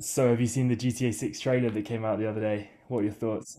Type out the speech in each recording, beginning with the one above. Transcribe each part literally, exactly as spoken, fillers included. So, have you seen the G T A six trailer that came out the other day? What are your thoughts?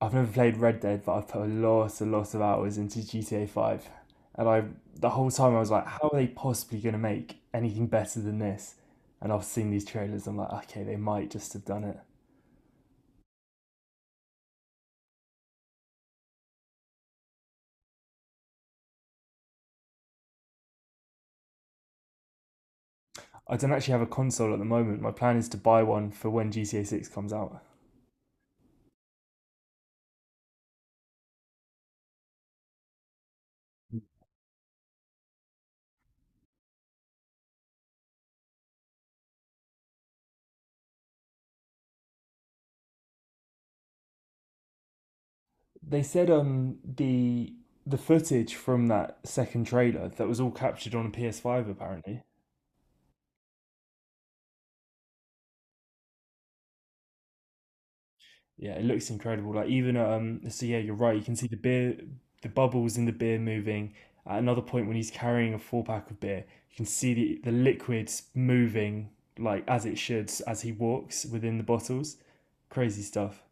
I've never played Red Dead, but I've put a lot, a lot of hours into G T A five. And I, the whole time I was like, how are they possibly going to make anything better than this? And I've seen these trailers, I'm like, okay, they might just have done it. I don't actually have a console at the moment. My plan is to buy one for when G T A six comes out. They said um the the footage from that second trailer that was all captured on a P S five apparently. Yeah, it looks incredible. Like even um, so yeah, you're right. You can see the beer, the bubbles in the beer moving. At another point, when he's carrying a four pack of beer, you can see the the liquids moving like as it should as he walks within the bottles. Crazy stuff.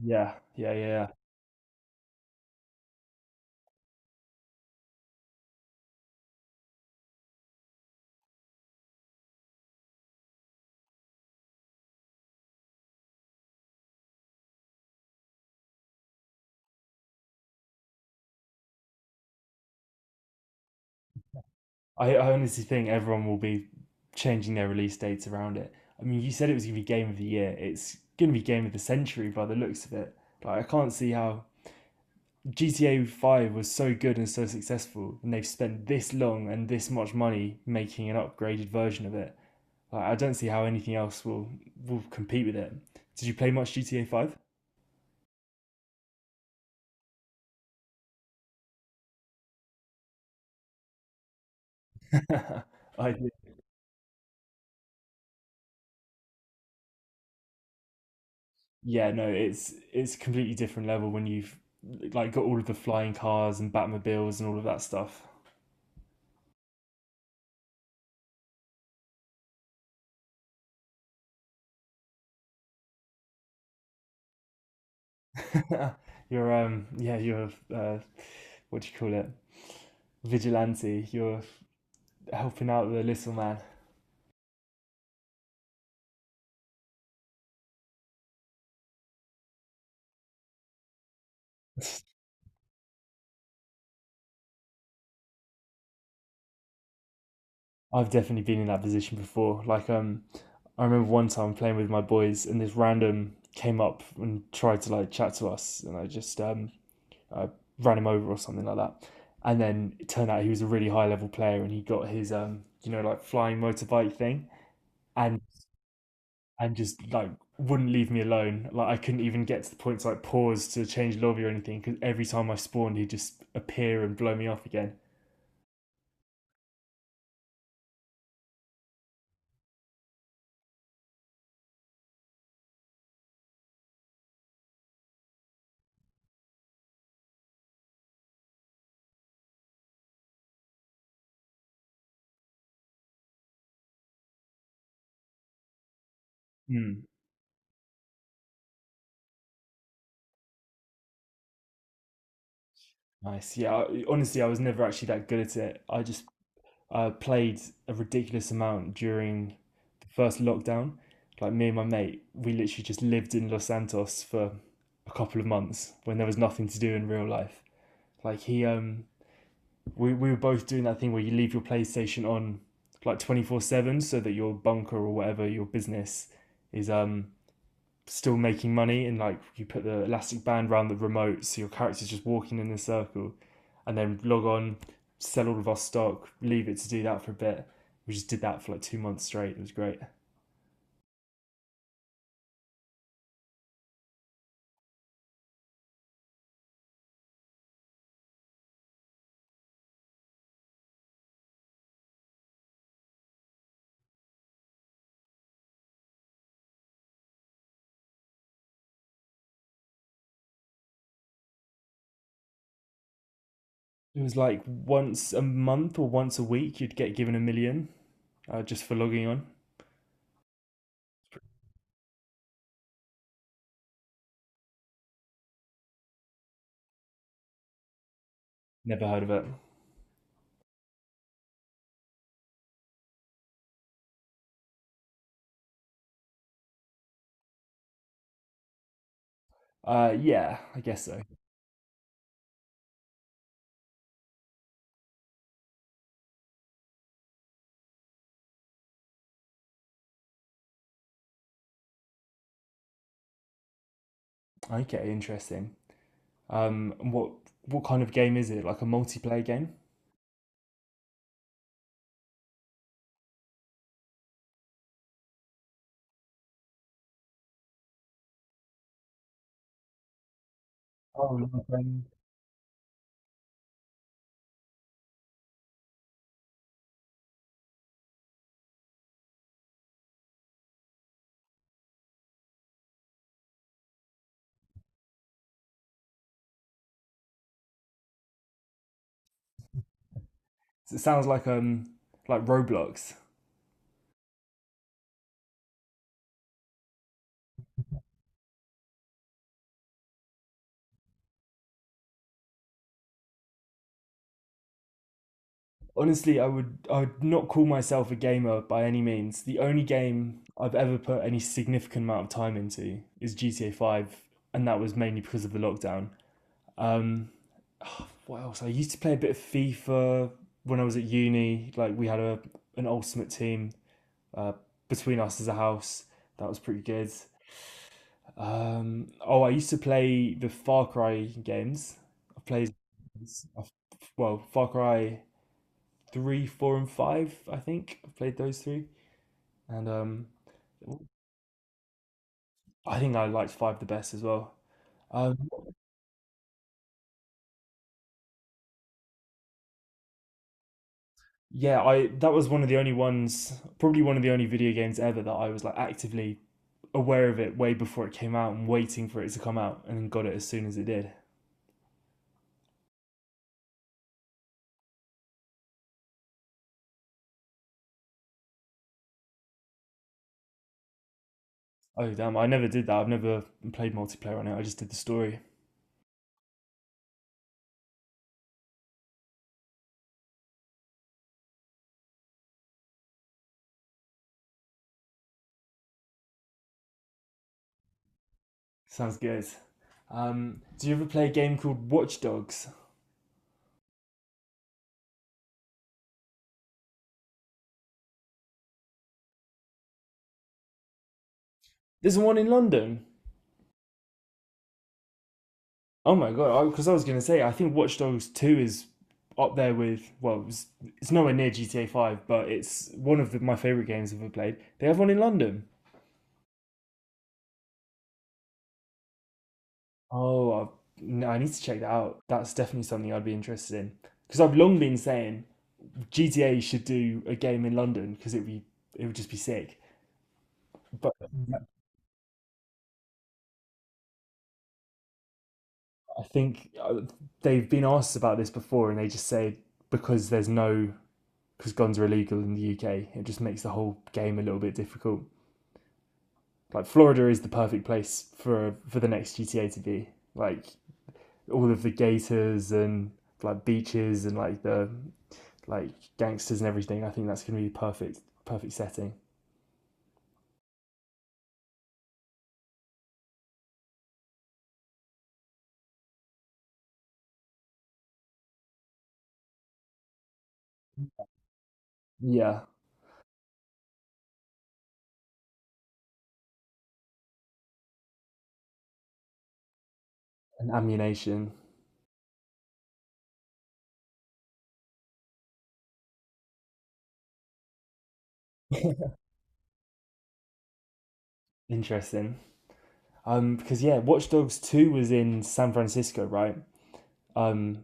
Yeah, yeah, yeah, yeah. I, I honestly think everyone will be changing their release dates around it. I mean, you said it was gonna be game of the year. It's gonna be game of the century by the looks of it. Like I can't see how G T A five was so good and so successful, and they've spent this long and this much money making an upgraded version of it. Like, I don't see how anything else will, will compete with it. Did you play much G T A five? I did. Yeah, no, it's it's a completely different level when you've like got all of the flying cars and Batmobiles and all of that stuff. You're um yeah, you're uh what do you call it? Vigilante. You're helping out the little man. I've definitely been in that position before. Like um I remember one time playing with my boys, and this random came up and tried to like chat to us, and I just um, I ran him over or something like that. And then it turned out he was a really high level player, and he got his um, you know, like flying motorbike thing, and and just like wouldn't leave me alone. Like I couldn't even get to the point to like pause to change lobby or anything because every time I spawned, he'd just appear and blow me off again. Mm. Nice. Yeah. I, honestly, I was never actually that good at it. I just I played a ridiculous amount during the first lockdown. Like me and my mate, we literally just lived in Los Santos for a couple of months when there was nothing to do in real life. Like he, um, we we were both doing that thing where you leave your PlayStation on like twenty four seven so that your bunker or whatever your business is um still making money, and like you put the elastic band around the remote so your character's just walking in a circle, and then log on, sell all of our stock, leave it to do that for a bit. We just did that for like two months straight. It was great. It was like once a month or once a week you'd get given a million, uh, just for logging on. Never heard of it. Uh yeah, I guess so. Okay, interesting. um what what kind of game is it? Like a multiplayer game? Oh no, um, It sounds like um like Roblox. Honestly, I would I would not call myself a gamer by any means. The only game I've ever put any significant amount of time into is G T A Five, and that was mainly because of the lockdown. Um, what else? I used to play a bit of FIFA when I was at uni. Like we had a an ultimate team uh, between us as a house. That was pretty good. Um, oh, I used to play the Far Cry games. I played well Far Cry three, four, and five. I think I've played those three, and um, I think I liked five the best as well. Um, yeah, I that was one of the only ones, probably one of the only video games ever that I was like actively aware of it way before it came out and waiting for it to come out, and then got it as soon as it did. Oh damn! I never did that. I've never played multiplayer on it. I just did the story. Sounds good. Um, do you ever play a game called Watch Dogs? There's one in London. Oh my god! Because I, I was gonna say, I think Watch Dogs Two is up there with well, it's, it's nowhere near G T A Five, but it's one of the, my favorite games I've ever played. They have one in London. Oh, I've, no, I need to check that out. That's definitely something I'd be interested in because I've long been saying G T A should do a game in London because it would be it would just be sick. But I think uh, they've been asked about this before, and they just say because there's no because guns are illegal in the U K, it just makes the whole game a little bit difficult. Like Florida is the perfect place for for the next G T A to be. Like all of the gators and like beaches and like the like gangsters and everything. I think that's gonna be perfect perfect setting. Yeah, and ammunition. Interesting. Um, because yeah, Watch Dogs Two was in San Francisco, right? Um,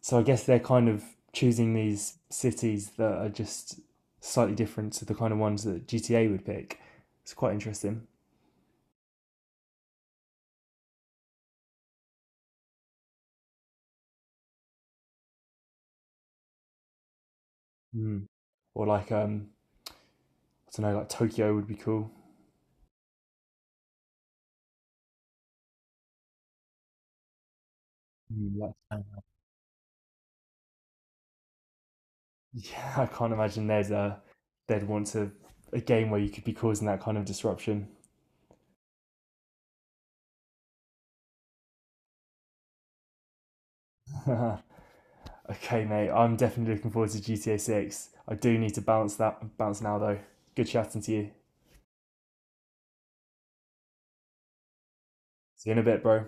so I guess they're kind of choosing these cities that are just slightly different to the kind of ones that G T A would pick. It's quite interesting. Mm. Or like um, I don't know, like Tokyo would be cool. Mm. Like, yeah, I can't imagine there's a they'd want a, a game where you could be causing that kind of disruption. Okay, mate, I'm definitely looking forward to G T A Six. I do need to bounce that bounce now though. Good chatting to you. See you in a bit, bro.